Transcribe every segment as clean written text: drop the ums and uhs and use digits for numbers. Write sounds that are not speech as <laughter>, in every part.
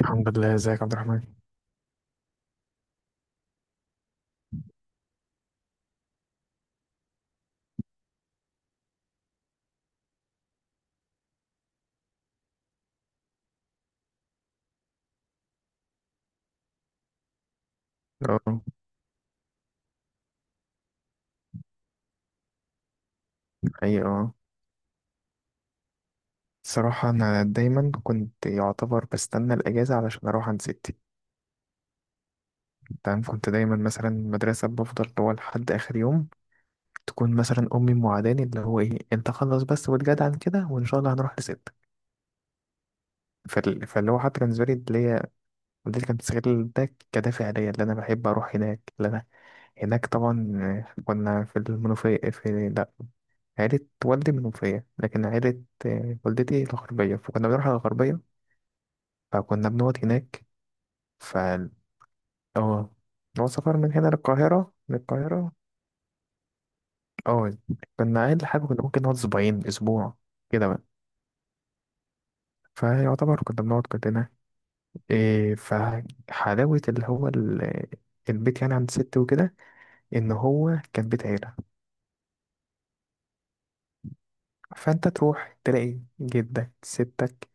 الحمد لله. ازيك يا عبد الرحمن؟ اه. اي اه. الصراحة أنا دايما كنت يعتبر بستنى الأجازة علشان أروح عند ستي. تمام، كنت دايما مثلا المدرسة بفضل هو لحد آخر يوم. تكون مثلا أمي موعداني اللي هو إيه، أنت خلص بس واتجدع عن كده وإن شاء الله هنروح لستك. فاللي هو حتى كان بالنسبة لي اللي هي والدتي كانت بتستغل ده كدافع ليا، اللي أنا بحب أروح هناك اللي أنا. هناك طبعا كنا في المنوفية، في لأ، عيلة والدي منوفية، لكن عيلة والدتي الغربية، فكنا بنروح على الغربية، فكنا بنقعد هناك. ف اه. هو سفر من هنا للقاهرة، من القاهرة. اه، كنا أقل حاجة كنا ممكن نقعد أسبوعين أسبوع كده بقى. فيعتبر كنا بنقعد كلنا، إيه، فحلاوة اللي هو البيت يعني عند ستي وكده، إن هو كان بيت عيلة. فأنت تروح تلاقي جدك، ستك،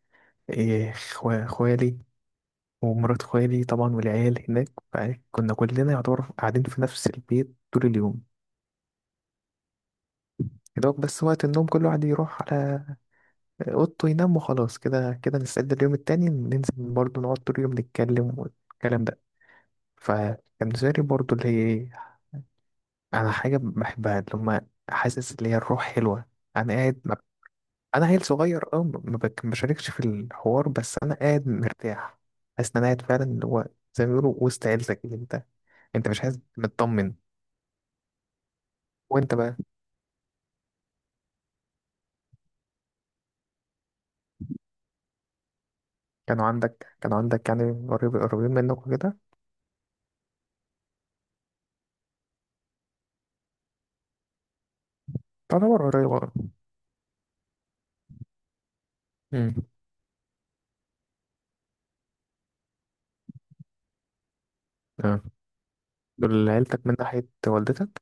إيه، خوالي، ومرات خوالي طبعا والعيال هناك، فكنا كلنا يعتبر قاعدين في نفس البيت طول اليوم. يا دوب بس وقت النوم كل واحد يروح على أوضته ينام، وخلاص كده كده نستعد اليوم التاني ننزل برضه نقعد طول اليوم نتكلم والكلام ده. فكان بالنسبة لي برضه اللي هي إيه، أنا حاجة بحبها، اللي هما حاسس اللي هي الروح حلوة. أنا قاعد ما... أنا عيل صغير، ما بشاركش في الحوار، بس أنا قاعد مرتاح. حاسس إن أنا قاعد فعلا اللي هو زي ما بيقولوا وسط عيلتك، انت مش عايز، مطمن. وانت بقى. كانوا عندك يعني، قريبين منك وكده. تعتبر قريب، اه. امم. اه. دول عيلتك من ناحية والدتك.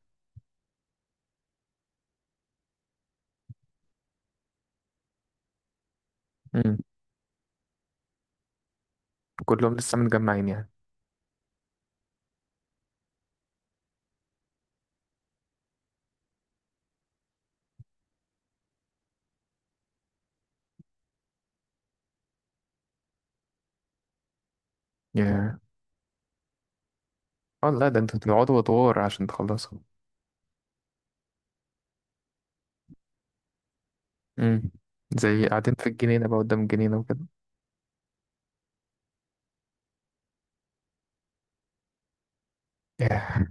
امم. كلهم لسه متجمعين يعني. يا، اه. لا ده انتوا بتقعدوا ادوار عشان تخلصوا. امم. زي قاعدين في الجنينة بقى، قدام الجنينة وكده. ياه.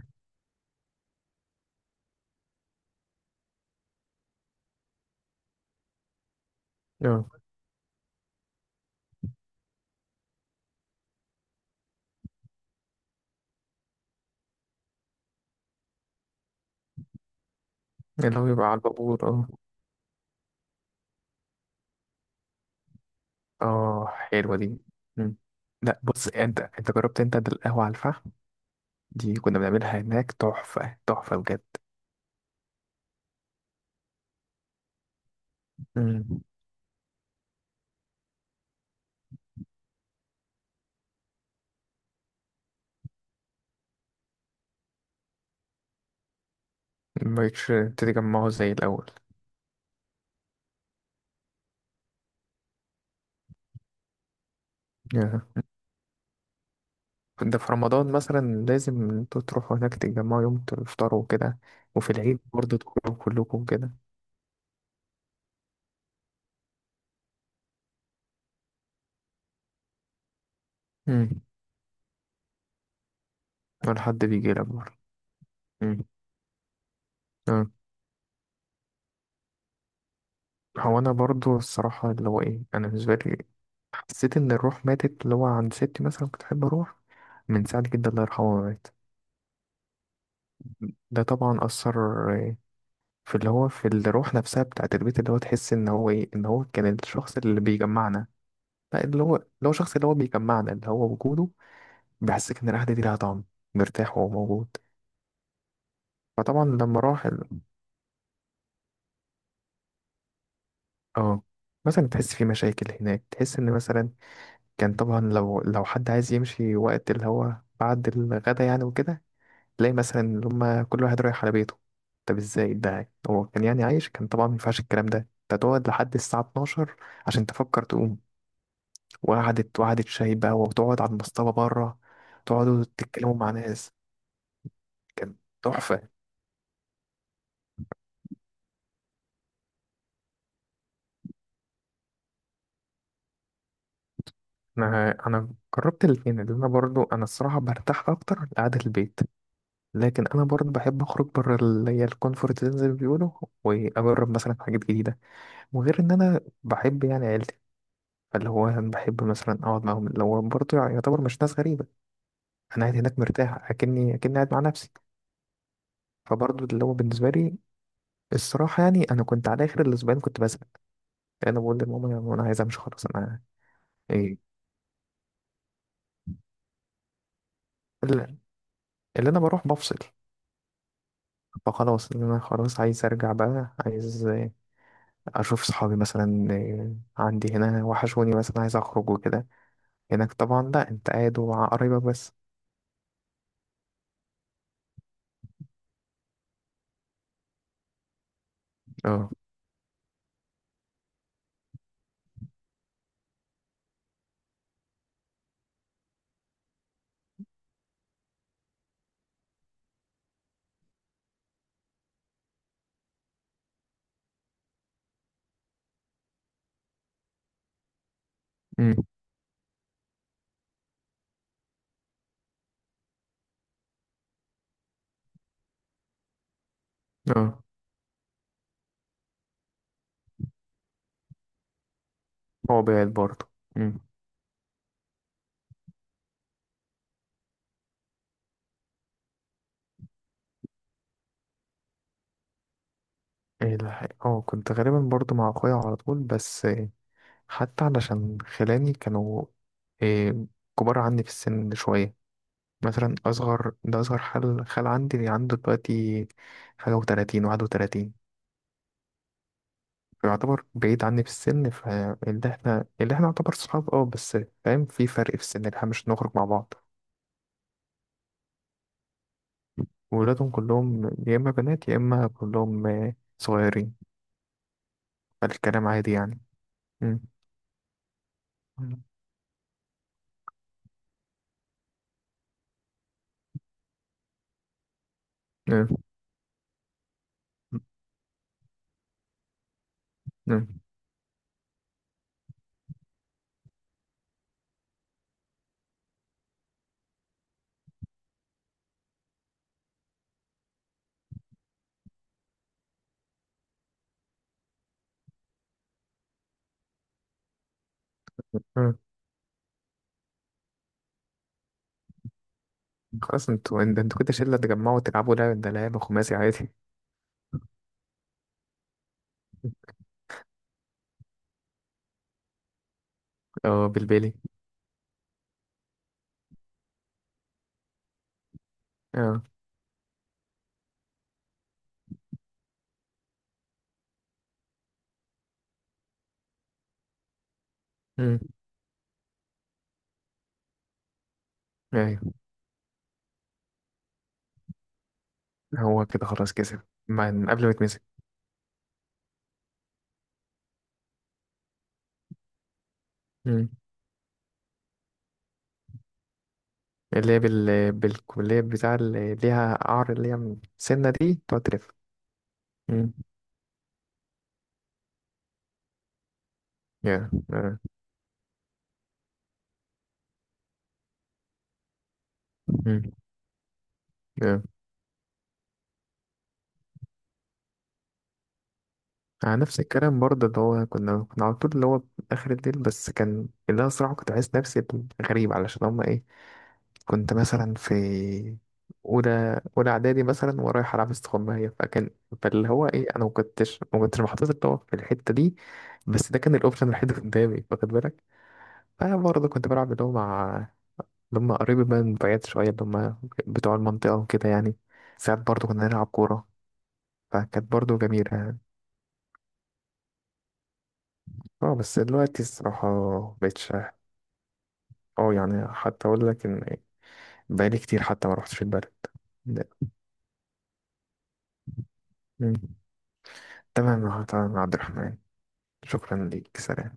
اه. اللي هو يبقى على البابور، اه. اه، حلوة دي. امم. لا بص انت جربت انت ده القهوة على الفحم؟ دي كنا بنعملها هناك، تحفة تحفة بجد. مم. مبقتش تتجمعوا زي الأول. ياه. ده في رمضان مثلا لازم انتوا تروحوا هناك تتجمعوا يوم تفطروا وكده. وفي العيد برضه تخرجوا كلكم كده. امم. ولا حد بيجي لك برضه. امم. آه. هو أنا برضه الصراحة اللي هو إيه، أنا بالنسبة لي حسيت إن الروح ماتت، اللي هو عند ستي مثلا كنت أحب أروح من ساعة جدا الله يرحمه ما مات. ده طبعا أثر آه، في اللي هو في الروح نفسها بتاعت البيت، اللي هو تحس إن هو إيه، إن هو كان الشخص اللي بيجمعنا. لا، اللي هو شخص اللي هو بيجمعنا، اللي هو وجوده بيحسسك ان القعده دي لها طعم، مرتاح وهو موجود. فطبعا لما راح اه، مثلا تحس في مشاكل هناك، تحس ان مثلا كان طبعا لو حد عايز يمشي وقت اللي هو بعد الغدا يعني وكده، تلاقي مثلا اللي هما كل واحد رايح على بيته. طب ازاي ده، هو كان يعني عايش، كان طبعا ما ينفعش الكلام ده، انت تقعد لحد الساعة 12 عشان تفكر تقوم. وقعدت شاي بقى، وتقعد على المصطبة بره تقعدوا تتكلموا مع ناس. كان تحفة. انا جربت الاثنين، اللي انا برضو انا الصراحه برتاح اكتر لقعده البيت. لكن انا برضو بحب اخرج بره، اللي هي الكونفورت زي ما بيقولوا، واجرب مثلا حاجات جديده. وغير ان انا بحب يعني عيلتي، فاللي هو أنا بحب مثلا اقعد معاهم، اللي هو برضو يعتبر مش ناس غريبه. انا قاعد هناك مرتاح، اكني قاعد مع نفسي. فبرضو اللي هو بالنسبه لي، الصراحه يعني انا كنت على اخر الاسبوعين كنت بزهق. انا بقول لماما انا عايز امشي خلاص، انا. ايه. اللي اللي انا بروح بفصل. فخلاص إن أنا خلاص عايز أرجع بقى، عايز أشوف صحابي مثلا، عندي هنا وحشوني مثلا، عايز أخرج وكده. هناك طبعا لأ، أنت قاعد ومع قرايبك بس. اه. أمم. اه، هو بعيد برضه. أمم. ايه ده، اه، كنت غالبا برضه مع أخويا على طول بس، حتى علشان خلاني كانوا، إيه، كبار عني في السن شوية. مثلا أصغر، ده أصغر خال عندي اللي عنده دلوقتي حاجة وتلاتين، واحد وتلاتين. يعتبر بعيد عني في السن، فاللي احنا اللي احنا نعتبر صحاب اه، بس فاهم في فرق في السن اللي احنا مش نخرج مع بعض. وولادهم كلهم يا اما بنات يا اما كلهم صغيرين، فالكلام عادي يعني. مم. مم. مم. مم. مم. خلاص انتوا، انتوا كده شلة تجمعوا تلعبوا لعبة، ده لعبة خماسي عادي. <laughs> اه، بالبيلي. اه. مم. ايوه. هو كده خلاص كسب من قبل ما يتمسك. مم. اللي هي بالكلية بتاع، اللي ليها قعر، اللي هي من السنة دي تقعد تلف. مم. يا، آه. مم، يا. على نفس الكلام برضه اللي هو، كنا على طول اللي هو آخر الليل بس، كان اللي أنا صراحة كنت عايز نفسي غريب علشان هما إيه. كنت مثلا في أولى إعدادي مثلا ورايح ألعب استغماية فكان، فاللي هو إيه، أنا ما كنتش محطوط اللي هو في الحتة دي، بس ده كان الأوبشن الوحيد اللي قدامي، واخد بالك. فأنا برضه كنت بلعب اللي هو مع اللي هما قريب من بعيد شوية، اللي هما بتوع المنطقة وكده يعني. ساعات برضه كنا نلعب كورة، فكانت برضه جميلة يعني. اه بس دلوقتي الصراحة مبقتش. اه، يعني حتى أقول لك إن بقالي كتير حتى ما روحتش البلد. لا. مم. تمام تمام يا عبد الرحمن. شكرا ليك، سلام.